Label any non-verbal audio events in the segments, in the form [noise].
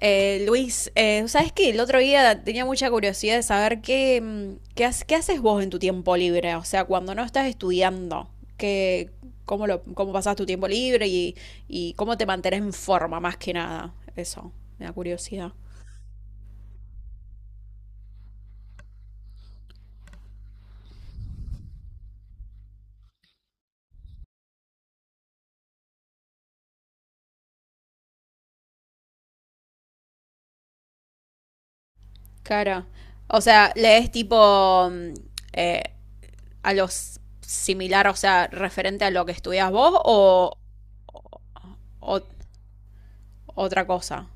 Luis, ¿sabes qué? El otro día tenía mucha curiosidad de saber qué haces vos en tu tiempo libre, o sea, cuando no estás estudiando, qué, cómo pasás tu tiempo libre y cómo te mantenés en forma, más que nada. Eso, me da curiosidad. Cara, o sea, lees tipo eh, a los similar, o sea, referente a lo que estudias vos o otra cosa.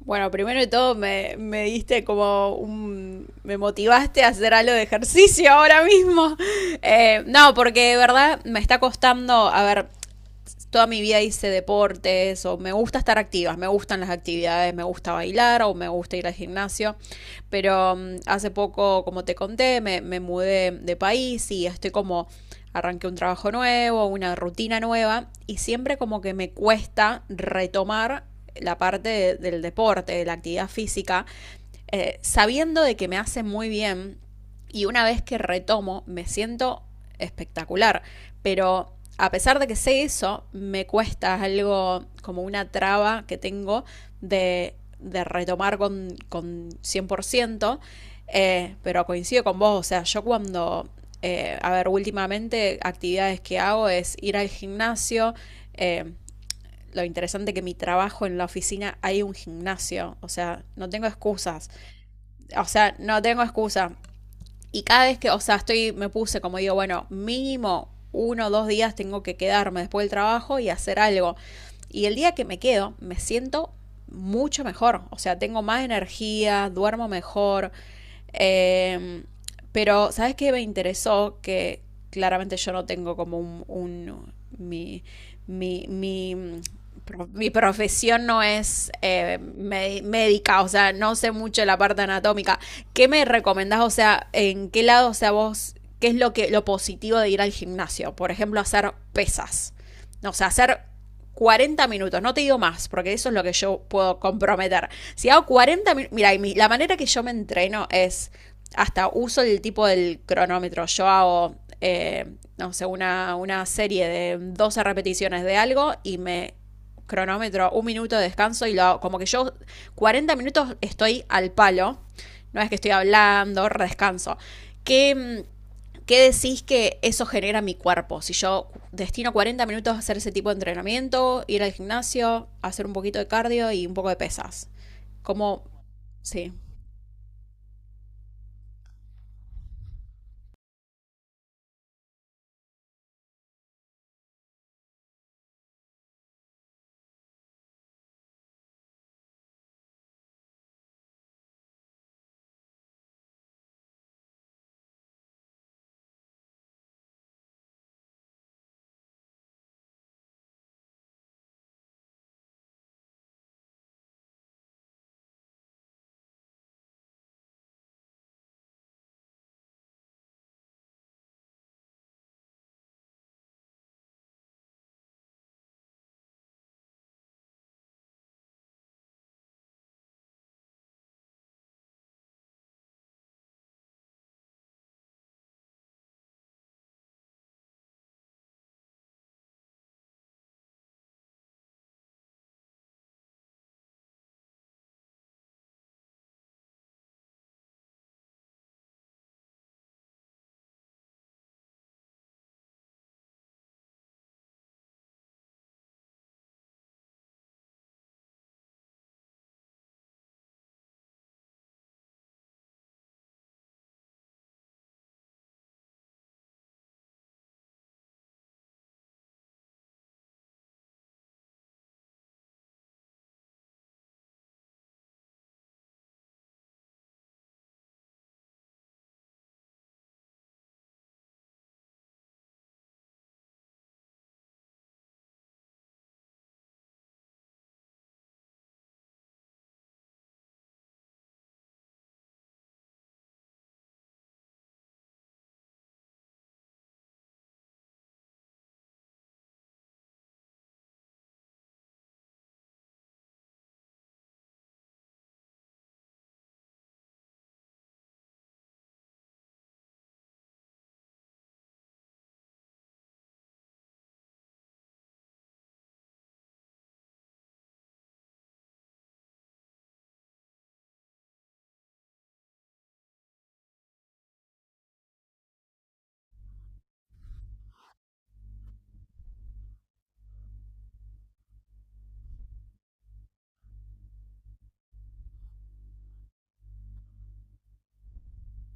Bueno, primero de todo me diste como un me motivaste a hacer algo de ejercicio ahora mismo. [laughs] No, porque de verdad me está costando, a ver, toda mi vida hice deportes o me gusta estar activa, me gustan las actividades, me gusta bailar o me gusta ir al gimnasio, pero hace poco, como te conté, me mudé de país y estoy como arranqué un trabajo nuevo, una rutina nueva y siempre como que me cuesta retomar la parte del deporte, de la actividad física, sabiendo de que me hace muy bien y una vez que retomo, me siento espectacular. Pero a pesar de que sé eso, me cuesta algo como una traba que tengo de retomar con 100%. Pero coincido con vos, o sea, a ver, últimamente actividades que hago es ir al gimnasio. Eh, lo interesante que mi trabajo en la oficina hay un gimnasio, o sea, no tengo excusas. O sea, no tengo excusa. Y cada vez que, o sea, estoy, me puse como digo, bueno, mínimo uno o dos días tengo que quedarme después del trabajo y hacer algo. Y el día que me quedo, me siento mucho mejor. O sea, tengo más energía, duermo mejor. Eh, pero, ¿sabes qué me interesó? Que claramente yo no tengo como un mi, mi, mi mi profesión no es médica, o sea, no sé mucho de la parte anatómica. ¿Qué me recomendás? O sea, ¿en qué lado, o sea, qué es lo que lo positivo de ir al gimnasio? Por ejemplo, hacer pesas. O sea, hacer 40 minutos, no te digo más, porque eso es lo que yo puedo comprometer. Si hago 40 minutos, mira, la manera que yo me entreno es, hasta uso el tipo del cronómetro, yo hago, eh, no sé, una serie de 12 repeticiones de algo y me cronómetro, 1 minuto de descanso y lo como que yo 40 minutos estoy al palo, no es que estoy hablando, descanso. ¿Qué, mm, ¿Qué decís que eso genera mi cuerpo? Si yo destino 40 minutos a hacer ese tipo de entrenamiento, ir al gimnasio, hacer un poquito de cardio y un poco de pesas. Como, sí.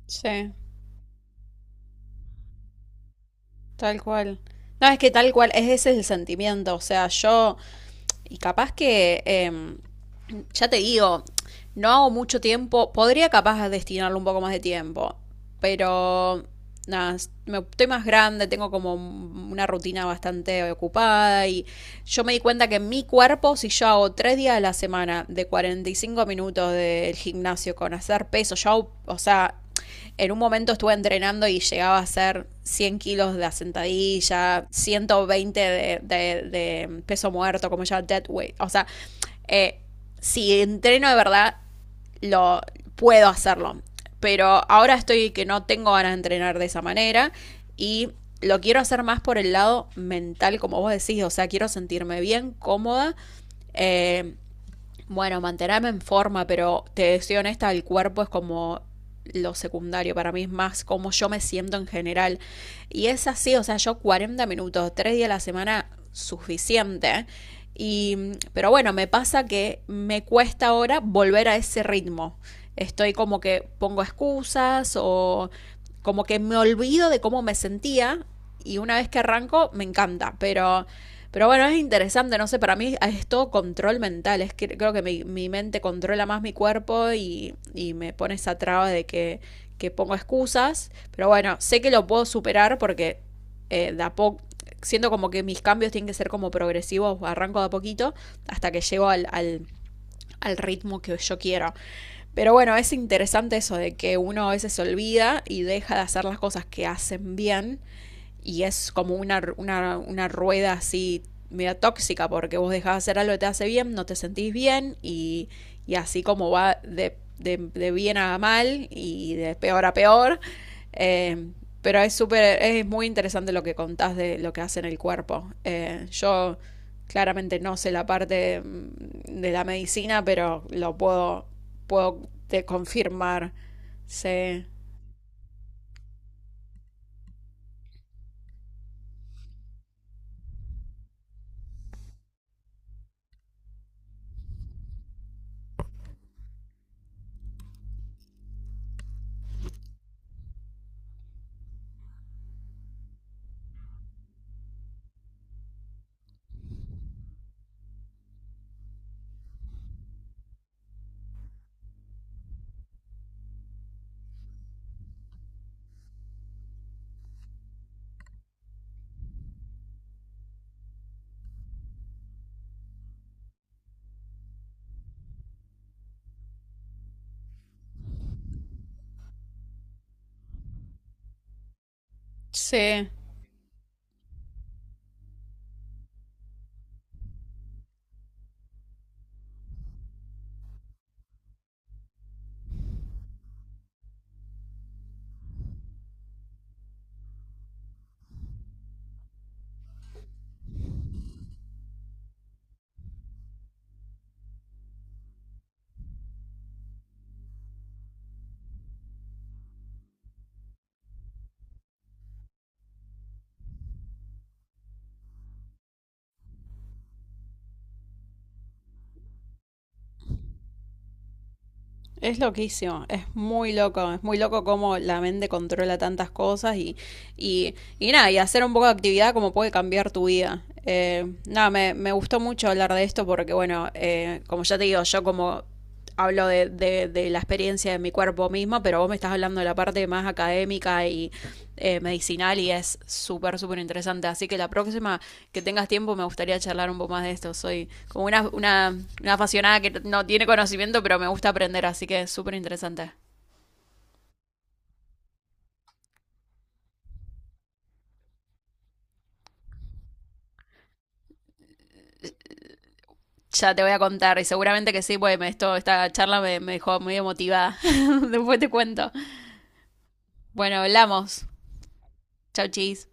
Sí. Tal cual. No, es que tal cual, es ese es el sentimiento. O sea, yo, y capaz que, ya te digo, no hago mucho tiempo, podría capaz destinarle un poco más de tiempo, pero nada, estoy más grande, tengo como una rutina bastante ocupada y yo me di cuenta que mi cuerpo, si yo hago tres días a la semana de 45 minutos del gimnasio con hacer peso, yo, o sea, en un momento estuve entrenando y llegaba a hacer 100 kilos de sentadilla, 120 de, de peso muerto, como ya dead weight. O sea, eh, si entreno de verdad, lo puedo hacerlo. Pero ahora estoy que no tengo ganas de entrenar de esa manera y lo quiero hacer más por el lado mental, como vos decís. O sea, quiero sentirme bien, cómoda. eh, bueno, mantenerme en forma, pero te soy honesta, el cuerpo es como lo secundario, para mí es más como yo me siento en general. Y es así, o sea, yo 40 minutos, 3 días a la semana, suficiente. Y, pero bueno, me pasa que me cuesta ahora volver a ese ritmo. Estoy como que pongo excusas o como que me olvido de cómo me sentía y una vez que arranco me encanta, pero bueno, es interesante, no sé, para mí es todo control mental, es que creo que mi mente controla más mi cuerpo y me pone esa traba que pongo excusas, pero bueno, sé que lo puedo superar porque de a poco, siento como que mis cambios tienen que ser como progresivos, arranco de a poquito hasta que llego al ritmo que yo quiero. Pero bueno, es interesante eso de que uno a veces se olvida y deja de hacer las cosas que hacen bien y es como una rueda así media tóxica porque vos dejás de hacer algo que te hace bien, no te sentís bien y así como va bien a mal y de peor a peor. Eh, pero es súper, es muy interesante lo que contás de lo que hace en el cuerpo. Yo claramente no sé la parte de la medicina, pero puedo te confirmar. Sí. Sí. Es loquísimo, es muy loco cómo la mente controla tantas cosas y nada, y hacer un poco de actividad como puede cambiar tu vida. Nada, me gustó mucho hablar de esto porque, bueno, como ya te digo, yo como hablo de la experiencia ciencia de mi cuerpo misma, pero vos me estás hablando de la parte más académica y medicinal y es súper, súper interesante. Así que la próxima que tengas tiempo me gustaría charlar un poco más de esto. Soy como una apasionada que no tiene conocimiento, pero me gusta aprender, así que es súper interesante. Ya te voy a contar y seguramente que sí, pues esto, esta charla me dejó muy emotivada. [laughs] Después te cuento. Bueno, hablamos. Chau, chis.